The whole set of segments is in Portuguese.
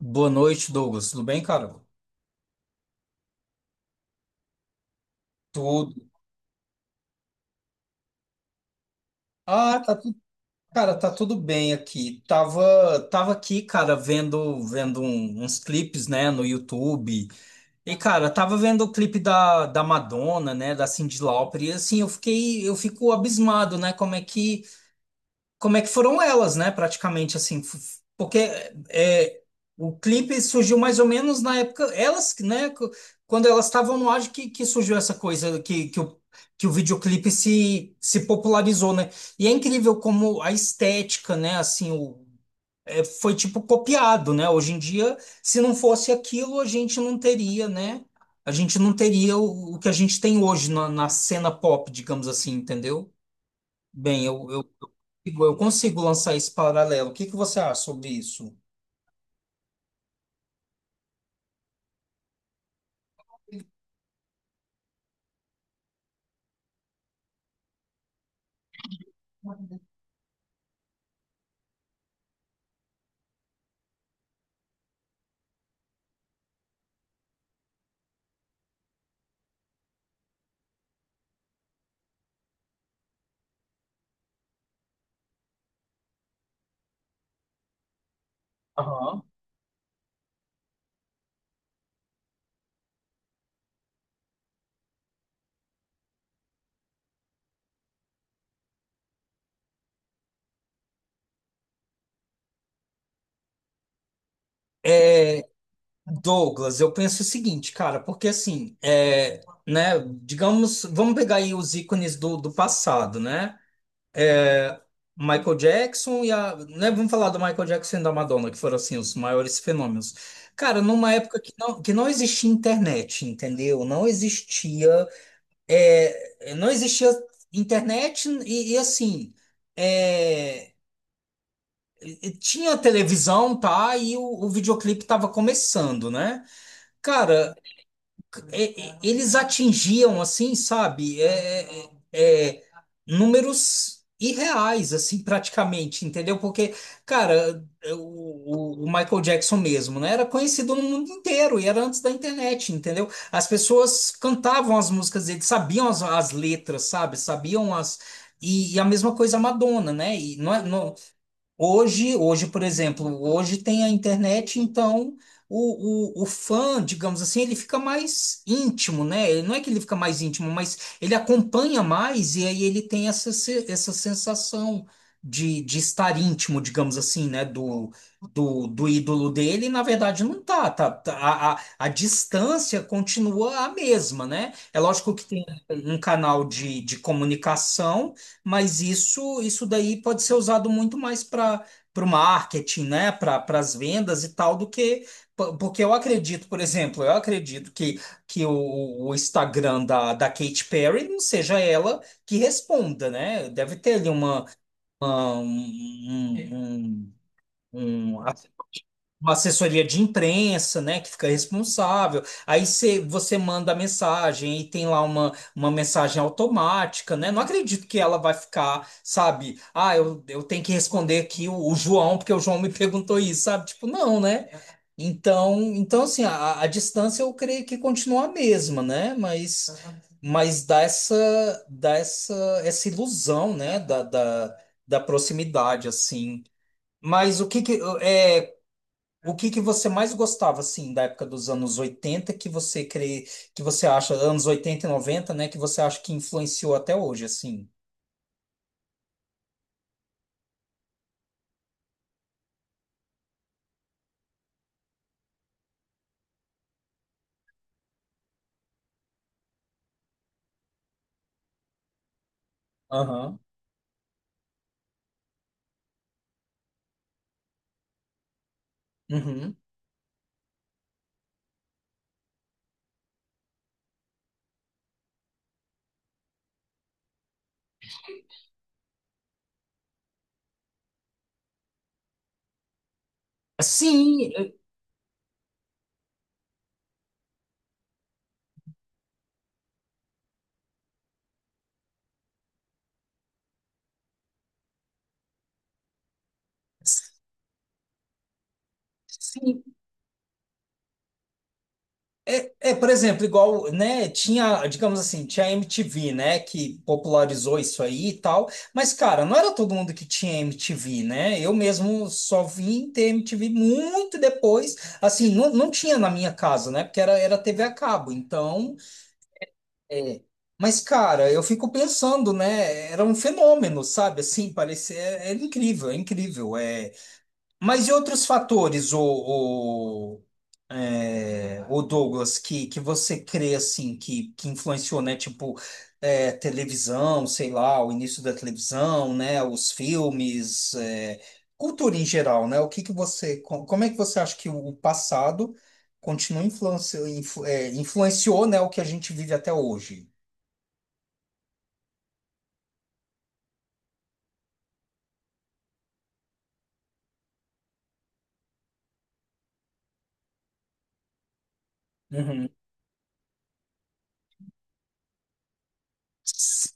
Boa noite, Douglas. Tudo bem, cara? Tudo. Ah, tá tudo, tá tudo bem aqui. Tava aqui, cara, uns clipes, né, no YouTube. E, cara, tava vendo o clipe da Madonna, né, da Cyndi Lauper. E assim, eu fico abismado, né? Como é que foram elas, né? Praticamente assim, porque é, o clipe surgiu mais ou menos na época, elas, né? Quando elas estavam no ar que surgiu essa coisa que o videoclipe se popularizou, né? E é incrível como a estética, né? Assim, foi tipo copiado, né? Hoje em dia, se não fosse aquilo, a gente não teria, né? A gente não teria o que a gente tem hoje na cena pop, digamos assim, entendeu? Bem, eu Igor, eu consigo lançar esse paralelo. O que que você acha sobre isso? É, Douglas, eu penso o seguinte, cara, porque assim, né, digamos, vamos pegar aí os ícones do passado, né? Michael Jackson e a, né, Vamos falar do Michael Jackson e da Madonna, que foram assim os maiores fenômenos. Cara, numa época que não existia internet, entendeu? Não existia, não existia internet e assim, é, tinha televisão, tá? E o videoclipe tava começando, né? Cara, eles atingiam, assim, sabe? Números irreais, assim, praticamente, entendeu? Porque, cara, o Michael Jackson mesmo, né? Era conhecido no mundo inteiro e era antes da internet, entendeu? As pessoas cantavam as músicas dele, sabiam as letras, sabe? Sabiam as. E a mesma coisa a Madonna, né? E não é, não, Hoje, hoje, por exemplo, hoje tem a internet, então o fã, digamos assim, ele fica mais íntimo, né? Ele... Não é que ele fica mais íntimo, mas ele acompanha mais e aí ele tem essa, essa sensação de estar íntimo, digamos assim, né? Do ídolo dele, e, na verdade, não tá, a distância continua a mesma, né? É lógico que tem um canal de comunicação. Mas isso daí pode ser usado muito mais para o marketing, né? Para as vendas e tal, do que. Porque eu acredito, por exemplo, eu acredito que o Instagram da Katy Perry não seja ela que responda, né? Deve ter ali uma, um, um, um- um- um uma assessoria de imprensa, né, que fica responsável. Aí você manda a mensagem e tem lá uma mensagem automática, né? Não acredito que ela vai ficar, sabe? Ah, eu tenho que responder aqui o João, porque o João me perguntou isso, sabe? Tipo, não, né? Então assim, a distância eu creio que continua a mesma, né? Mas, uhum, mas dá essa, essa ilusão, né, da proximidade, assim. Mas o que que, o que que você mais gostava, assim, da época dos anos 80 que você crê, que você acha, anos 80 e noventa, né, que você acha que influenciou até hoje, assim? Aham. Uhum. Sim, eh, sim. Por exemplo, igual, né, tinha, digamos assim, tinha a MTV, né, que popularizou isso aí e tal, mas, cara, não era todo mundo que tinha MTV, né? Eu mesmo só vim ter MTV muito depois, assim, não, não tinha na minha casa, né, porque era TV a cabo, então... É. Mas, cara, eu fico pensando, né? Era um fenômeno, sabe? Assim, parecia. É, é incrível, é incrível. É... Mas e outros fatores, o Douglas, que você crê, assim, que influenciou, né? Tipo, televisão, sei lá, o início da televisão, né? Os filmes, cultura em geral, né? O que que você. Como é que você acha que o passado continua influenciou, né? O que a gente vive até hoje? Uhum. Sim.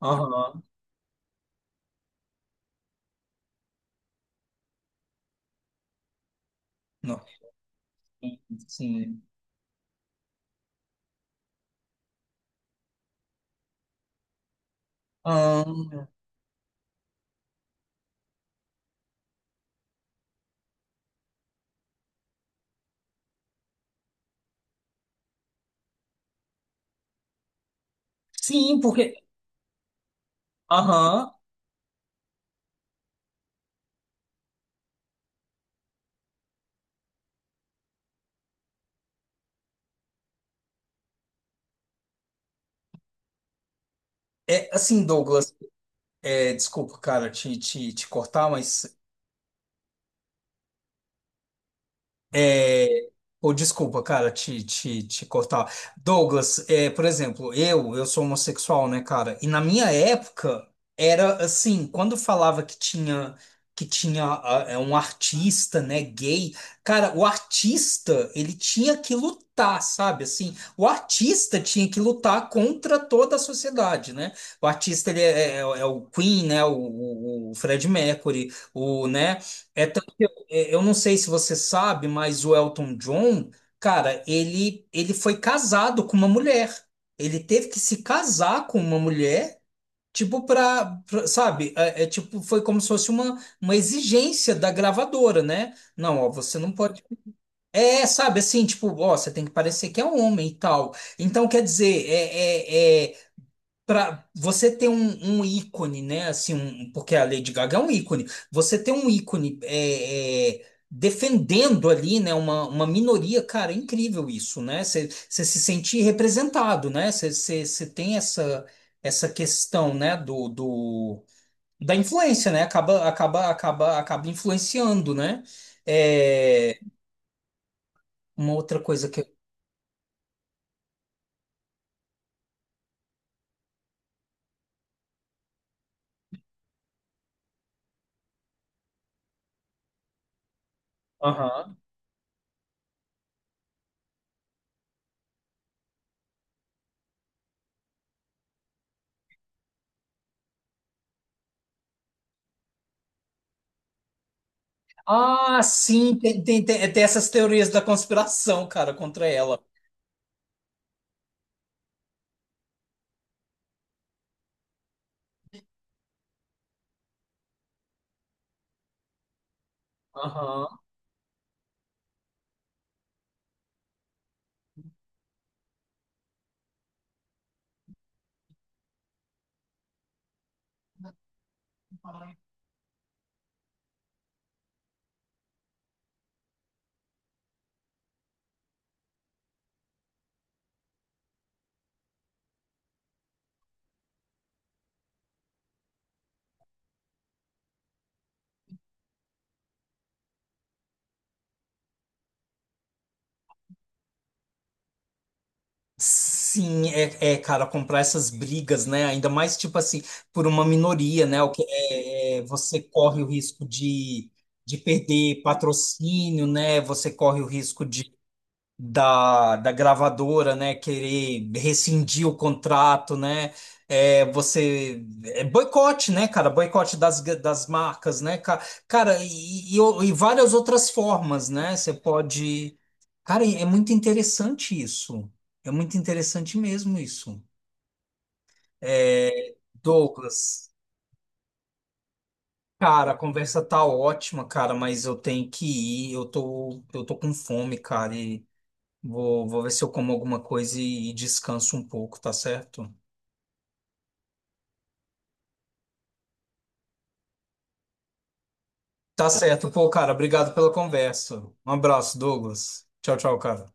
Aham. Não. Sim. Ahn, sim, porque. Aham. É assim, Douglas. Desculpa, cara, te cortar, mas ou desculpa, cara, te cortar. Douglas, por exemplo, eu sou homossexual, né, cara? E na minha época era assim, quando falava que tinha um artista, né, gay, cara, o artista, ele tinha que lutar, sabe? Assim, o artista tinha que lutar contra toda a sociedade, né? O artista ele é o Queen, né, o Fred Mercury, o, né, é eu não sei se você sabe, mas o Elton John, cara, ele foi casado com uma mulher. Ele teve que se casar com uma mulher, tipo sabe? Tipo foi como se fosse uma exigência da gravadora, né? Não, ó, você não pode. É, sabe assim, tipo, ó, você tem que parecer que é um homem e tal. Então quer dizer, pra você ter um ícone, né? Assim, porque a Lady Gaga é um ícone. Você ter um ícone defendendo ali, né? Uma minoria, cara, é incrível isso, né? Você você se sente representado, né? Você tem essa, essa questão, né? Da influência, né? Acaba, acaba influenciando, né? É, uma outra coisa que. Aham. Ah, sim, tem essas teorias da conspiração, cara, contra ela. Aham. Cara, comprar essas brigas, né? Ainda mais, tipo assim, por uma minoria, né? O que é, você corre o risco de perder patrocínio, né? Você corre o risco da gravadora, né, querer rescindir o contrato, né, é boicote, né, cara, boicote das marcas, né, cara, e várias outras formas, né, você pode, cara, é muito interessante isso, é muito interessante mesmo isso. É, Douglas, cara, a conversa tá ótima, cara, mas eu tenho que ir, eu tô com fome, cara. Vou ver se eu como alguma coisa e descanso um pouco, tá certo? Tá certo. Pô, cara, obrigado pela conversa. Um abraço, Douglas. Tchau, tchau, cara.